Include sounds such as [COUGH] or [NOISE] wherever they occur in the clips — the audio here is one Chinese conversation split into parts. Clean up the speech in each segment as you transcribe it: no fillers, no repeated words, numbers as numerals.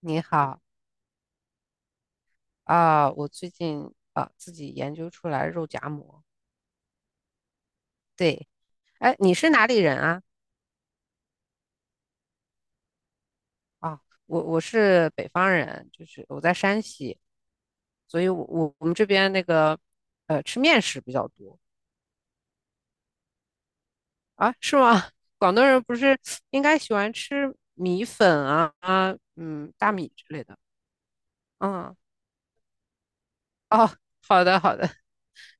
你好啊，我最近啊自己研究出来肉夹馍。对，哎，你是哪里人啊？啊，我是北方人，就是我在山西，所以我们这边那个吃面食比较多。啊，是吗？[LAUGHS] 广东人不是应该喜欢吃米粉啊啊嗯大米之类的，嗯。哦，好的好的，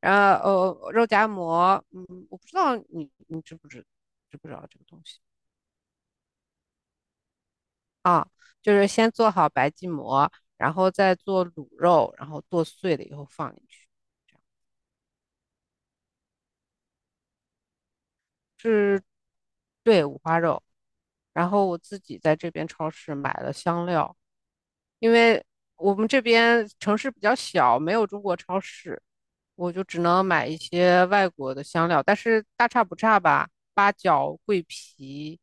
然后哦肉夹馍，嗯，我不知道你知不知道这个东西。啊，就是先做好白吉馍，然后再做卤肉，然后剁碎了以后放进去，这样是对五花肉。然后我自己在这边超市买了香料，因为我们这边城市比较小，没有中国超市，我就只能买一些外国的香料，但是大差不差吧，八角、桂皮，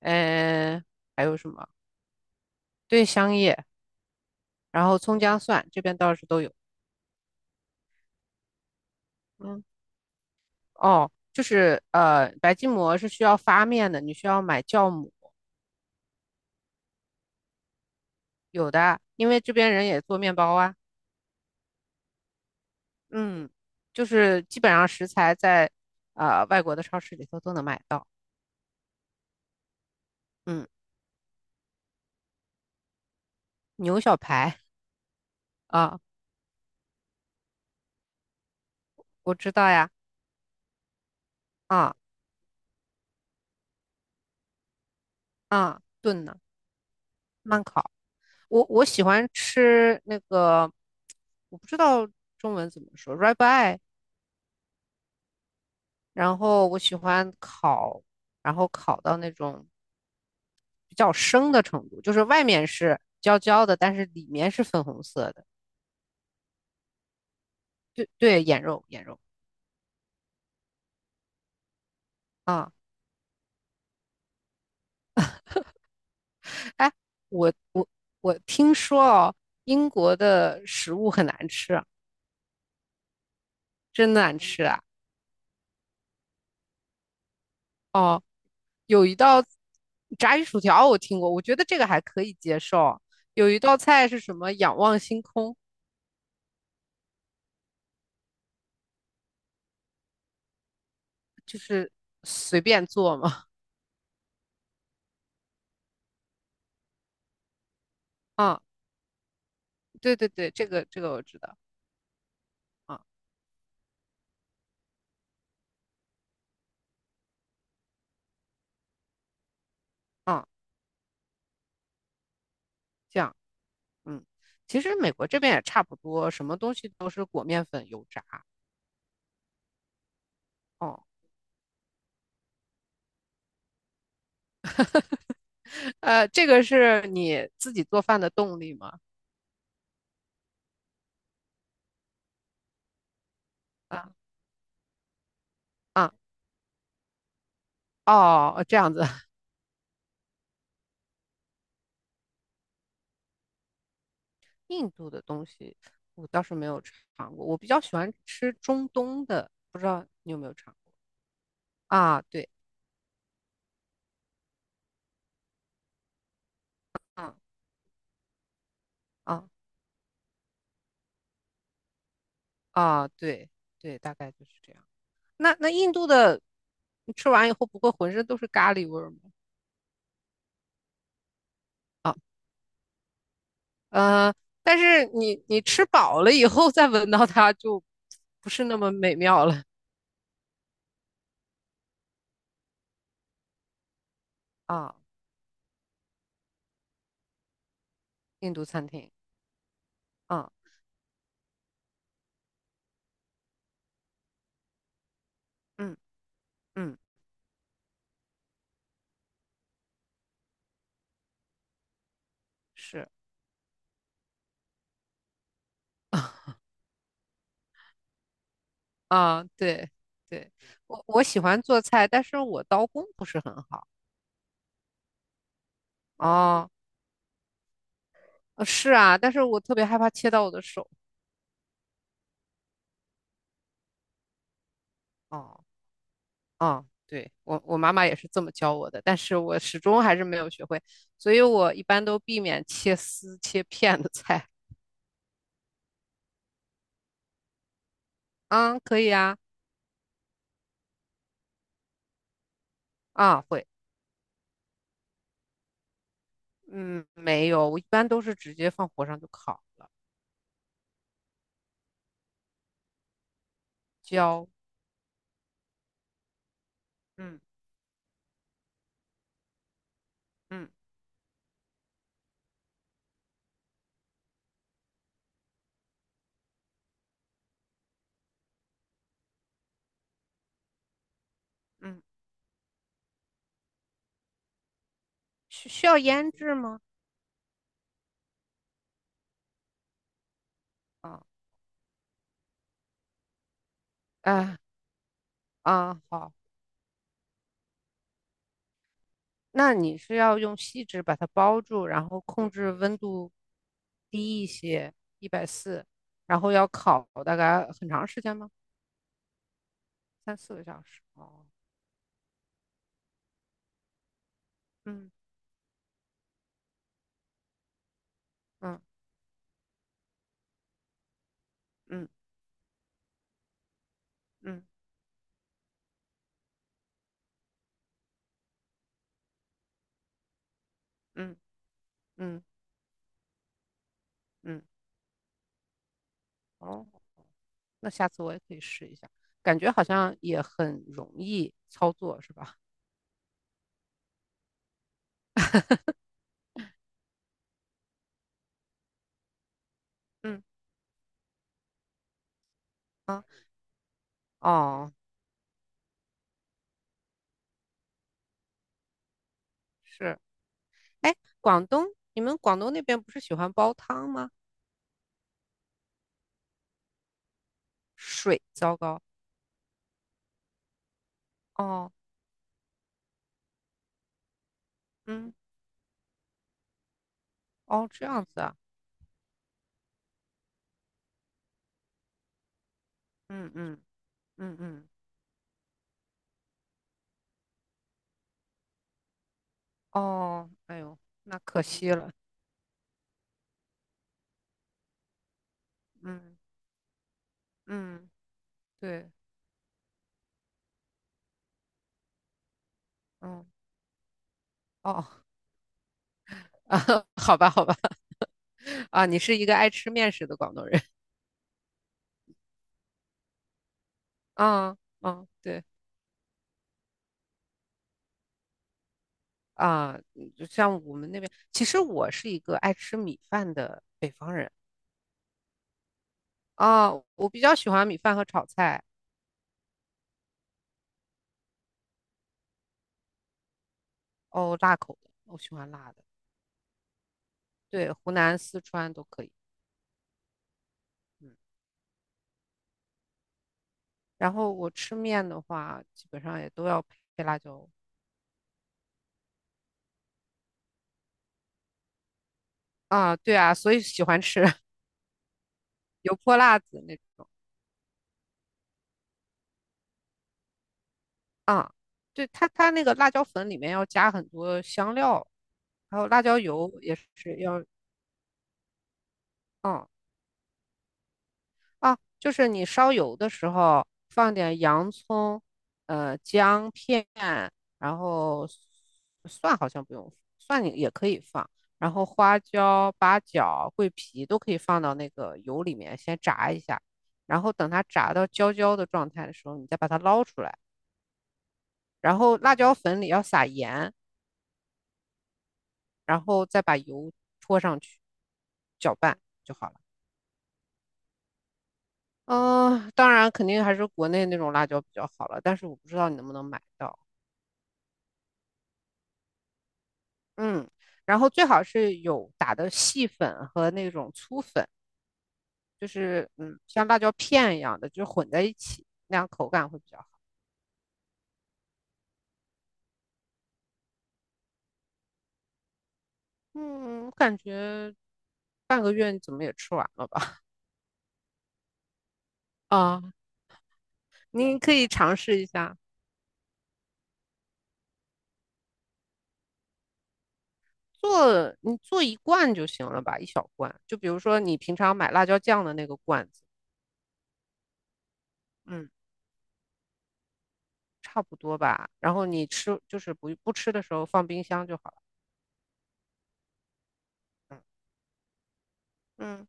嗯、还有什么？对，香叶，然后葱姜蒜，这边倒是都有。嗯。哦，就是白吉馍是需要发面的，你需要买酵母，有的，因为这边人也做面包啊。嗯，就是基本上食材在外国的超市里头都能买到。嗯，牛小排啊，我知道呀，啊啊，炖呢，慢烤。我喜欢吃那个，我不知道中文怎么说 ribeye。然后我喜欢烤，然后烤到那种比较生的程度，就是外面是焦焦的，但是里面是粉红色的。对对，眼肉眼肉啊，哎，我我我听说哦，英国的食物很难吃，真难吃啊！哦，有一道炸鱼薯条我听过，我觉得这个还可以接受。有一道菜是什么？仰望星空，就是随便做嘛。[LAUGHS] 啊，对对对，这个这个我知道。啊啊，这样。嗯，其实美国这边也差不多，什么东西都是裹面粉油炸。哦，这个是你自己做饭的动力吗？啊啊哦，这样子。[LAUGHS] 印度的东西我倒是没有尝过，我比较喜欢吃中东的，不知道你有没有尝过啊？对，啊啊啊，对对，大概就是这样。那那印度的，你吃完以后不会浑身都是咖喱味儿吗？啊呃，但是你吃饱了以后再闻到它就不是那么美妙了啊。印度餐厅啊，嗯嗯，是 [LAUGHS] 啊，对对，我喜欢做菜，但是我刀工不是很好哦，是啊，但是我特别害怕切到我的手哦哦，对我妈妈也是这么教我的，但是我始终还是没有学会，所以我一般都避免切丝切片的菜啊，可以啊啊会。嗯，没有，我一般都是直接放火上就烤了，焦。嗯嗯嗯，需要腌制吗？啊啊啊，好，那你是要用锡纸把它包住，然后控制温度低一些，140，然后要烤大概很长时间吗？3、4个小时。哦，嗯嗯嗯嗯嗯嗯嗯，哦，那下次我也可以试一下，感觉好像也很容易操作，是吧？嗯。啊。哦，是，哎，广东，你们广东那边不是喜欢煲汤吗？水糟糕。哦，嗯，哦，这样子啊，嗯嗯嗯嗯，哦，哎呦，那可惜了。嗯嗯，对，嗯，哦，[LAUGHS] 啊，好吧好吧，[LAUGHS] 啊，你是一个爱吃面食的广东人。啊嗯，对啊，嗯就像我们那边，其实我是一个爱吃米饭的北方人啊，我比较喜欢米饭和炒菜。哦，辣口的，我喜欢辣的。对，湖南、四川都可以。嗯，然后我吃面的话，基本上也都要配辣椒。啊，对啊，所以喜欢吃 [LAUGHS] 油泼辣子那啊，对，它那个辣椒粉里面要加很多香料，还有辣椒油也是要，嗯，啊，就是你烧油的时候放点洋葱、姜片，然后蒜好像不用，蒜你也可以放，然后花椒、八角、桂皮都可以放到那个油里面先炸一下，然后等它炸到焦焦的状态的时候，你再把它捞出来，然后辣椒粉里要撒盐，然后再把油泼上去，搅拌就好了。嗯，当然肯定还是国内那种辣椒比较好了，但是我不知道你能不能买到。嗯，然后最好是有打的细粉和那种粗粉，就是嗯，像辣椒片一样的，就混在一起，那样口感会比较好。嗯，我感觉半个月你怎么也吃完了吧？[LAUGHS] 啊，您可以尝试一下，你做一罐就行了吧，一小罐，就比如说你平常买辣椒酱的那个罐子，嗯，差不多吧。然后你吃就是不吃的时候放冰箱就好了。嗯嗯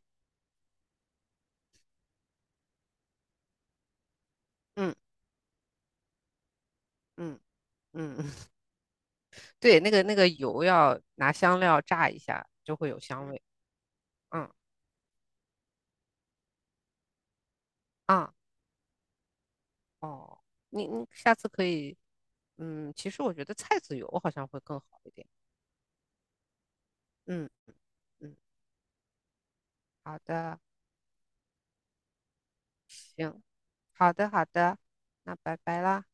嗯嗯嗯。对，那个那个油要拿香料炸一下，就会有香味。嗯啊哦，你下次可以，嗯，其实我觉得菜籽油好像会更好一点。嗯嗯，嗯好的，行，好的好的，那拜拜啦。